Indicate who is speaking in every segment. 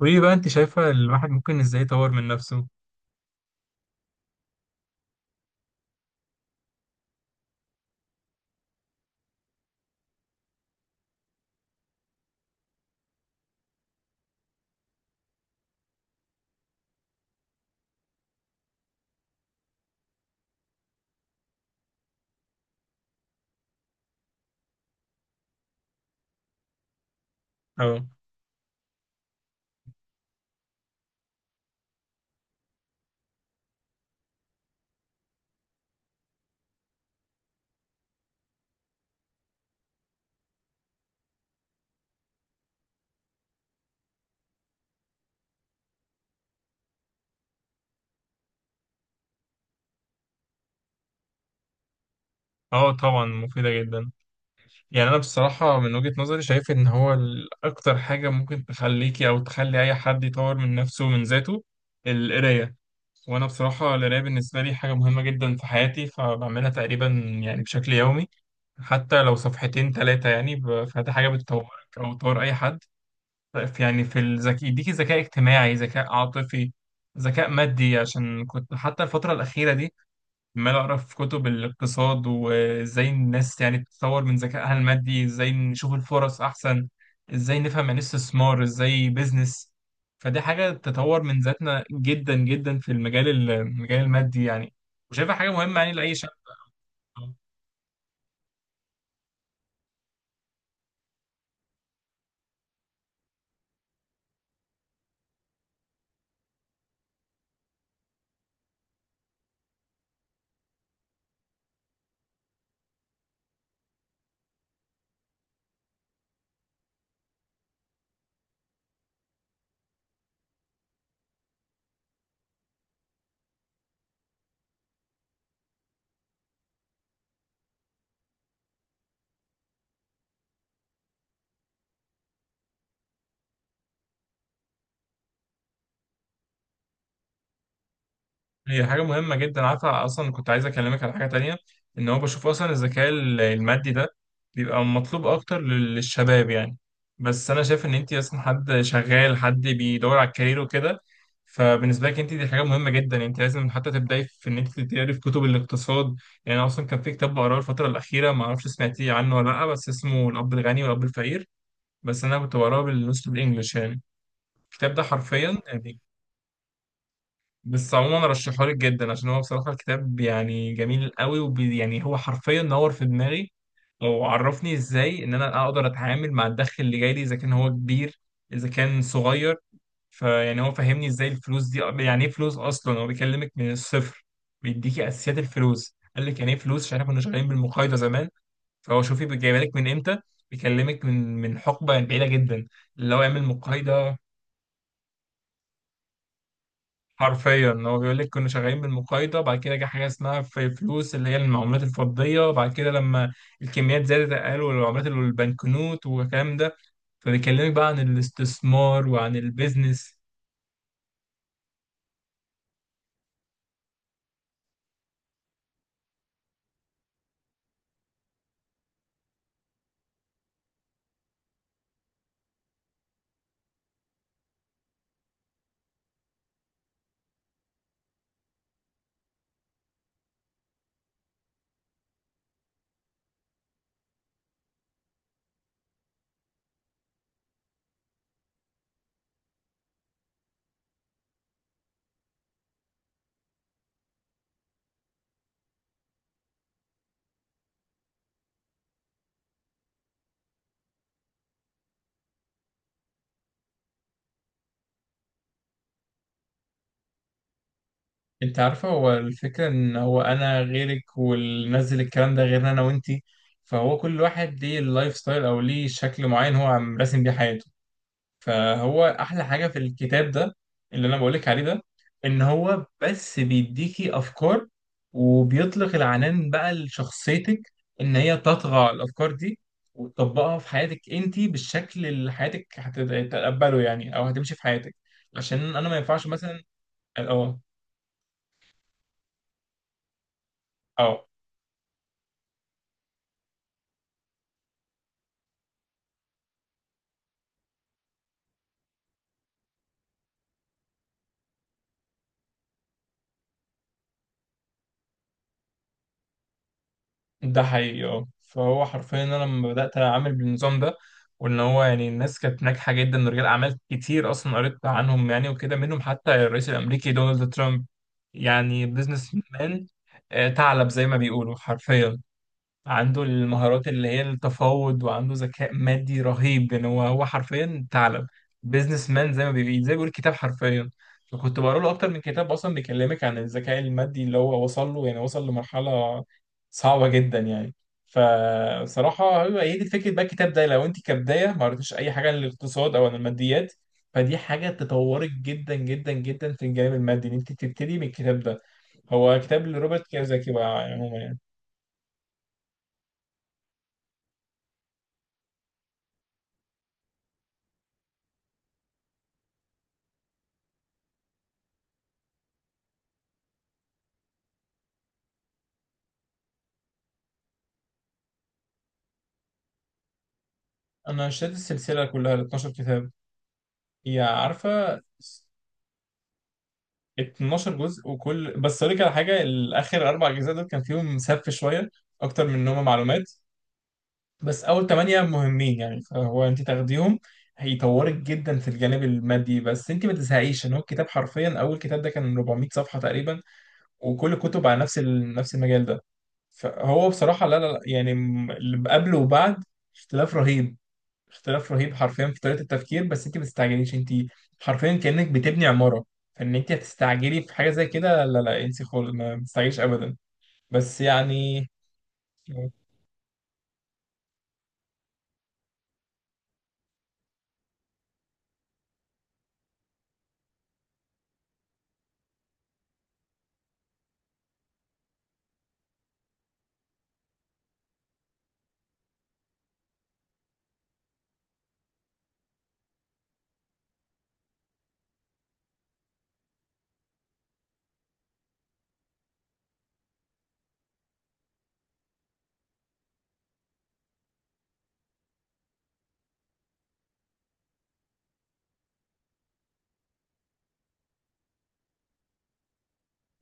Speaker 1: وايه بقى انت شايفة الواحد ممكن ازاي يطور من نفسه؟ اه، اه، طبعا مفيدة جدا. يعني انا بصراحة من وجهة نظري شايف ان هو اكتر حاجة ممكن تخليكي او تخلي اي حد يطور من نفسه ومن ذاته، القراية. وانا بصراحة القراية بالنسبة لي حاجة مهمة جدا في حياتي، فبعملها تقريبا يعني بشكل يومي، حتى لو صفحتين ثلاثة يعني، فدي حاجة بتطورك او تطور اي حد. يعني في الذكاء، يديكي ذكاء اجتماعي، ذكاء عاطفي، ذكاء مادي. عشان كنت حتى الفترة الأخيرة دي عمال اقرا في كتب الاقتصاد وازاي الناس يعني تطور من ذكائها المادي، ازاي نشوف الفرص احسن، ازاي نفهم يعني إيه استثمار، ازاي بيزنس. فدي حاجه تطور من ذاتنا جدا جدا في المجال المادي يعني، وشايفها حاجه مهمه يعني لاي شاب. هي حاجة مهمة جدا. عارفة أصلا كنت عايز أكلمك على حاجة تانية، إن هو بشوف أصلا الذكاء المادي ده بيبقى مطلوب أكتر للشباب يعني. بس أنا شايف إن أنت أصلا حد شغال، حد بيدور على الكارير وكده، فبالنسبة لك أنت دي حاجة مهمة جدا. أنت لازم حتى تبدأي في إن أنت تقري في كتب الاقتصاد. يعني أنا أصلا كان في كتاب بقراه الفترة الأخيرة، معرفش سمعتيه عنه ولا لأ، بس اسمه الأب الغني والأب الفقير. بس أنا كنت بقراه بالنص بالإنجلش يعني. الكتاب ده حرفيا يعني، بس عموما رشحه لك جدا، عشان هو بصراحة الكتاب يعني جميل قوي، وبي يعني هو حرفيا نور في دماغي. وعرفني ازاي ان انا اقدر اتعامل مع الدخل اللي جاي لي، اذا كان هو كبير، اذا كان صغير. فيعني هو فهمني ازاي الفلوس دي، يعني ايه فلوس اصلا. هو بيكلمك من الصفر، بيديكي اساسيات الفلوس، قال لك يعني ايه فلوس، عشان احنا كنا شغالين بالمقايضه زمان. فهو شوفي جايبها لك من امتى، بيكلمك من حقبه بعيده جدا، اللي هو يعمل مقايضه. حرفيا هو بيقول لك كنا شغالين بالمقايضه، بعد كده جه حاجه اسمها في فلوس، اللي هي المعاملات الفضيه، بعد كده لما الكميات زادت قالوا العملات اللي البنكنوت والكلام ده. فبيكلمك بقى عن الاستثمار وعن البيزنس. انت عارفه هو الفكره ان هو انا غيرك، واللي نزل الكلام ده غيرنا انا وانتي، فهو كل واحد ليه اللايف ستايل او ليه شكل معين هو عم راسم بيه حياته. فهو احلى حاجه في الكتاب ده، اللي انا بقولك عليه ده، ان هو بس بيديكي افكار، وبيطلق العنان بقى لشخصيتك ان هي تطغى على الافكار دي وتطبقها في حياتك انت بالشكل اللي حياتك هتتقبله يعني، او هتمشي في حياتك. عشان انا ما ينفعش مثلا. اه، اه، ده حقيقي. اه، فهو حرفيا انا لما بدات اعمل بالنظام ده، وان هو يعني الناس كانت ناجحه جدا، رجال اعمال كتير اصلا قريت عنهم يعني وكده، منهم حتى الرئيس الامريكي دونالد ترامب، يعني بزنس مان، ثعلب زي ما بيقولوا حرفيا، عنده المهارات اللي هي التفاوض، وعنده ذكاء مادي رهيب. يعني هو حرفيا ثعلب، بيزنس مان زي ما بيقول كتاب حرفيا. فكنت بقرا له اكتر من كتاب، اصلا بيكلمك عن الذكاء المادي اللي هو وصل له، يعني وصل لمرحله صعبه جدا يعني. فصراحه هو هي دي فكره بقى الكتاب ده، لو انت كبدايه ما قريتيش اي حاجه عن الاقتصاد او عن الماديات، فدي حاجه تطورك جدا جدا جدا في الجانب المادي، ان انت تبتدي من الكتاب ده. هو كتاب لروبرت كيوساكي بقى عموما يعني. انا اشتريت السلسله كلها ال 12 كتاب. هي عارفه، 12 جزء. وكل، بس اقول لك على حاجه، الاخر اربع اجزاء دول كان فيهم سف شويه اكتر من انهم معلومات. بس اول ثمانيه مهمين يعني، فهو انت تاخديهم هيطورك جدا في الجانب المادي. بس انت ما تزهقيش، ان هو الكتاب حرفيا، اول كتاب ده كان 400 صفحه تقريبا، وكل كتب على نفس نفس المجال ده. فهو بصراحه لا، لا، لا، يعني اللي قبله وبعد اختلاف رهيب. اختلاف رهيب حرفيا في طريقة التفكير. بس انت ما بتستعجليش، انت حرفيا كأنك بتبني عمارة، فان انت هتستعجلي في حاجة زي كده، لا لا، انسي خالص، ما بتستعجليش ابدا. بس يعني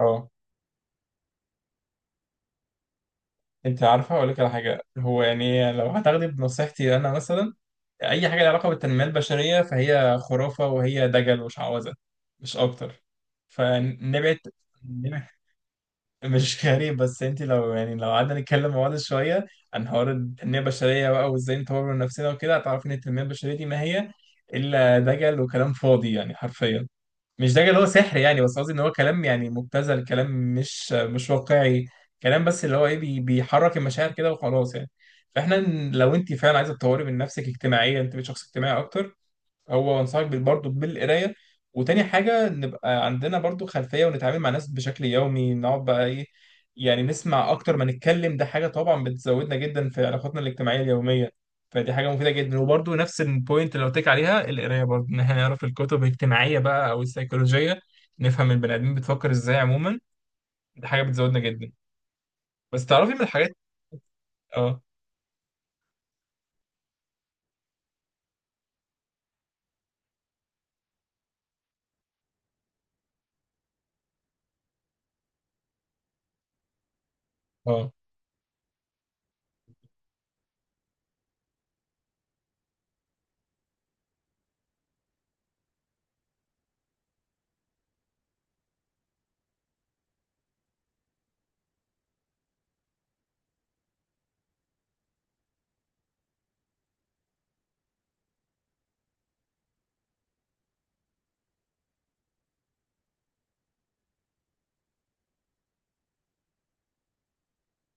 Speaker 1: اه. انت عارفة اقول لك على حاجة، هو يعني لو هتاخدي بنصيحتي انا مثلا، اي حاجة لها علاقة بالتنمية البشرية فهي خرافة، وهي دجل وشعوذة، مش اكتر، فنبعد. مش غريب، بس انت لو، يعني لو قعدنا نتكلم مع بعض شويه عن حوار التنميه البشريه بقى وازاي نطور من نفسنا وكده، هتعرفي ان التنميه البشريه دي ما هي الا دجل وكلام فاضي يعني حرفيا. مش دجل، هو سحر يعني، بس قصدي ان هو كلام يعني مبتذل، كلام مش واقعي، كلام بس اللي هو ايه، بيحرك المشاعر كده وخلاص يعني. فاحنا، لو انت فعلا عايزه تطوري من نفسك اجتماعيا، انت بقيت شخص اجتماعي اكتر، هو انصحك برضو بالقرايه. وتاني حاجه، نبقى عندنا برضو خلفيه، ونتعامل مع ناس بشكل يومي، نقعد بقى ايه يعني، نسمع اكتر ما نتكلم، ده حاجه طبعا بتزودنا جدا في علاقاتنا الاجتماعيه اليوميه. فدي حاجه مفيده جدا. وبرضو نفس البوينت اللي قلت لك عليها، القرايه، برضو ان احنا نعرف الكتب الاجتماعيه بقى او السيكولوجيه، نفهم البني ادمين بتفكر ازاي عموما، دي حاجه بتزودنا جدا. بس تعرفي من الحاجات. اه، اه،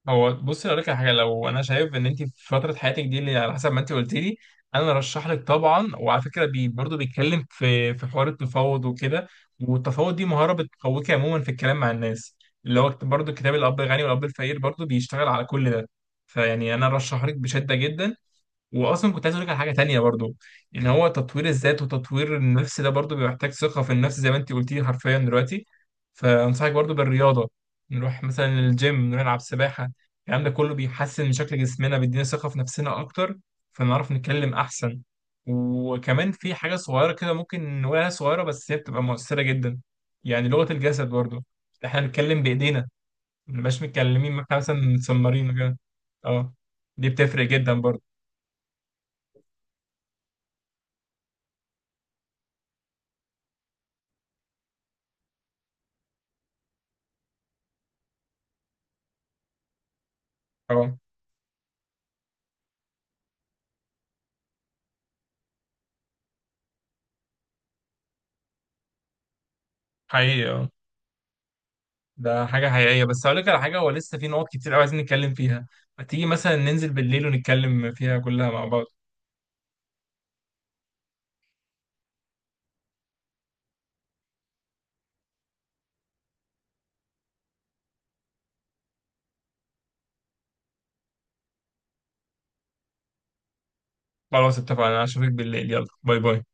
Speaker 1: هو بصي اقول لك على حاجه، لو انا شايف ان انت في فتره حياتك دي، اللي على حسب ما انت قلت لي، انا رشح لك طبعا. وعلى فكره، بي برضه بيتكلم في حوار التفاوض وكده، والتفاوض دي مهاره بتقويك عموما في الكلام مع الناس. اللي هو برضه كتاب الاب الغني والاب الفقير برضه بيشتغل على كل ده، فيعني انا رشح لك بشده جدا. واصلا كنت عايز اقول لك على حاجه تانية برضو، ان هو تطوير الذات وتطوير النفس ده برضو بيحتاج ثقه في النفس، زي ما انت قلتي حرفيا دلوقتي. فانصحك برضو بالرياضه، نروح مثلا الجيم، نروح نلعب سباحه. الكلام ده كله بيحسن من شكل جسمنا، بيدينا ثقه في نفسنا اكتر، فنعرف نتكلم احسن. وكمان في حاجه صغيره كده ممكن نقولها صغيره، بس هي بتبقى مؤثره جدا، يعني لغه الجسد برضو. احنا بنتكلم بايدينا، ما بنبقاش متكلمين، ما احنا مثلا متسمرين وكده. اه، دي بتفرق جدا برضو. اه، حقيقي، اه، ده حاجة حقيقية. بس هقول لك على حاجة، هو لسه في نقط كتير قوي عايزين نتكلم فيها، ما تيجي مثلا ننزل بالليل ونتكلم فيها كلها مع بعض. خلاص اتفقنا، انا اشوفك بالليل، يلا باي باي.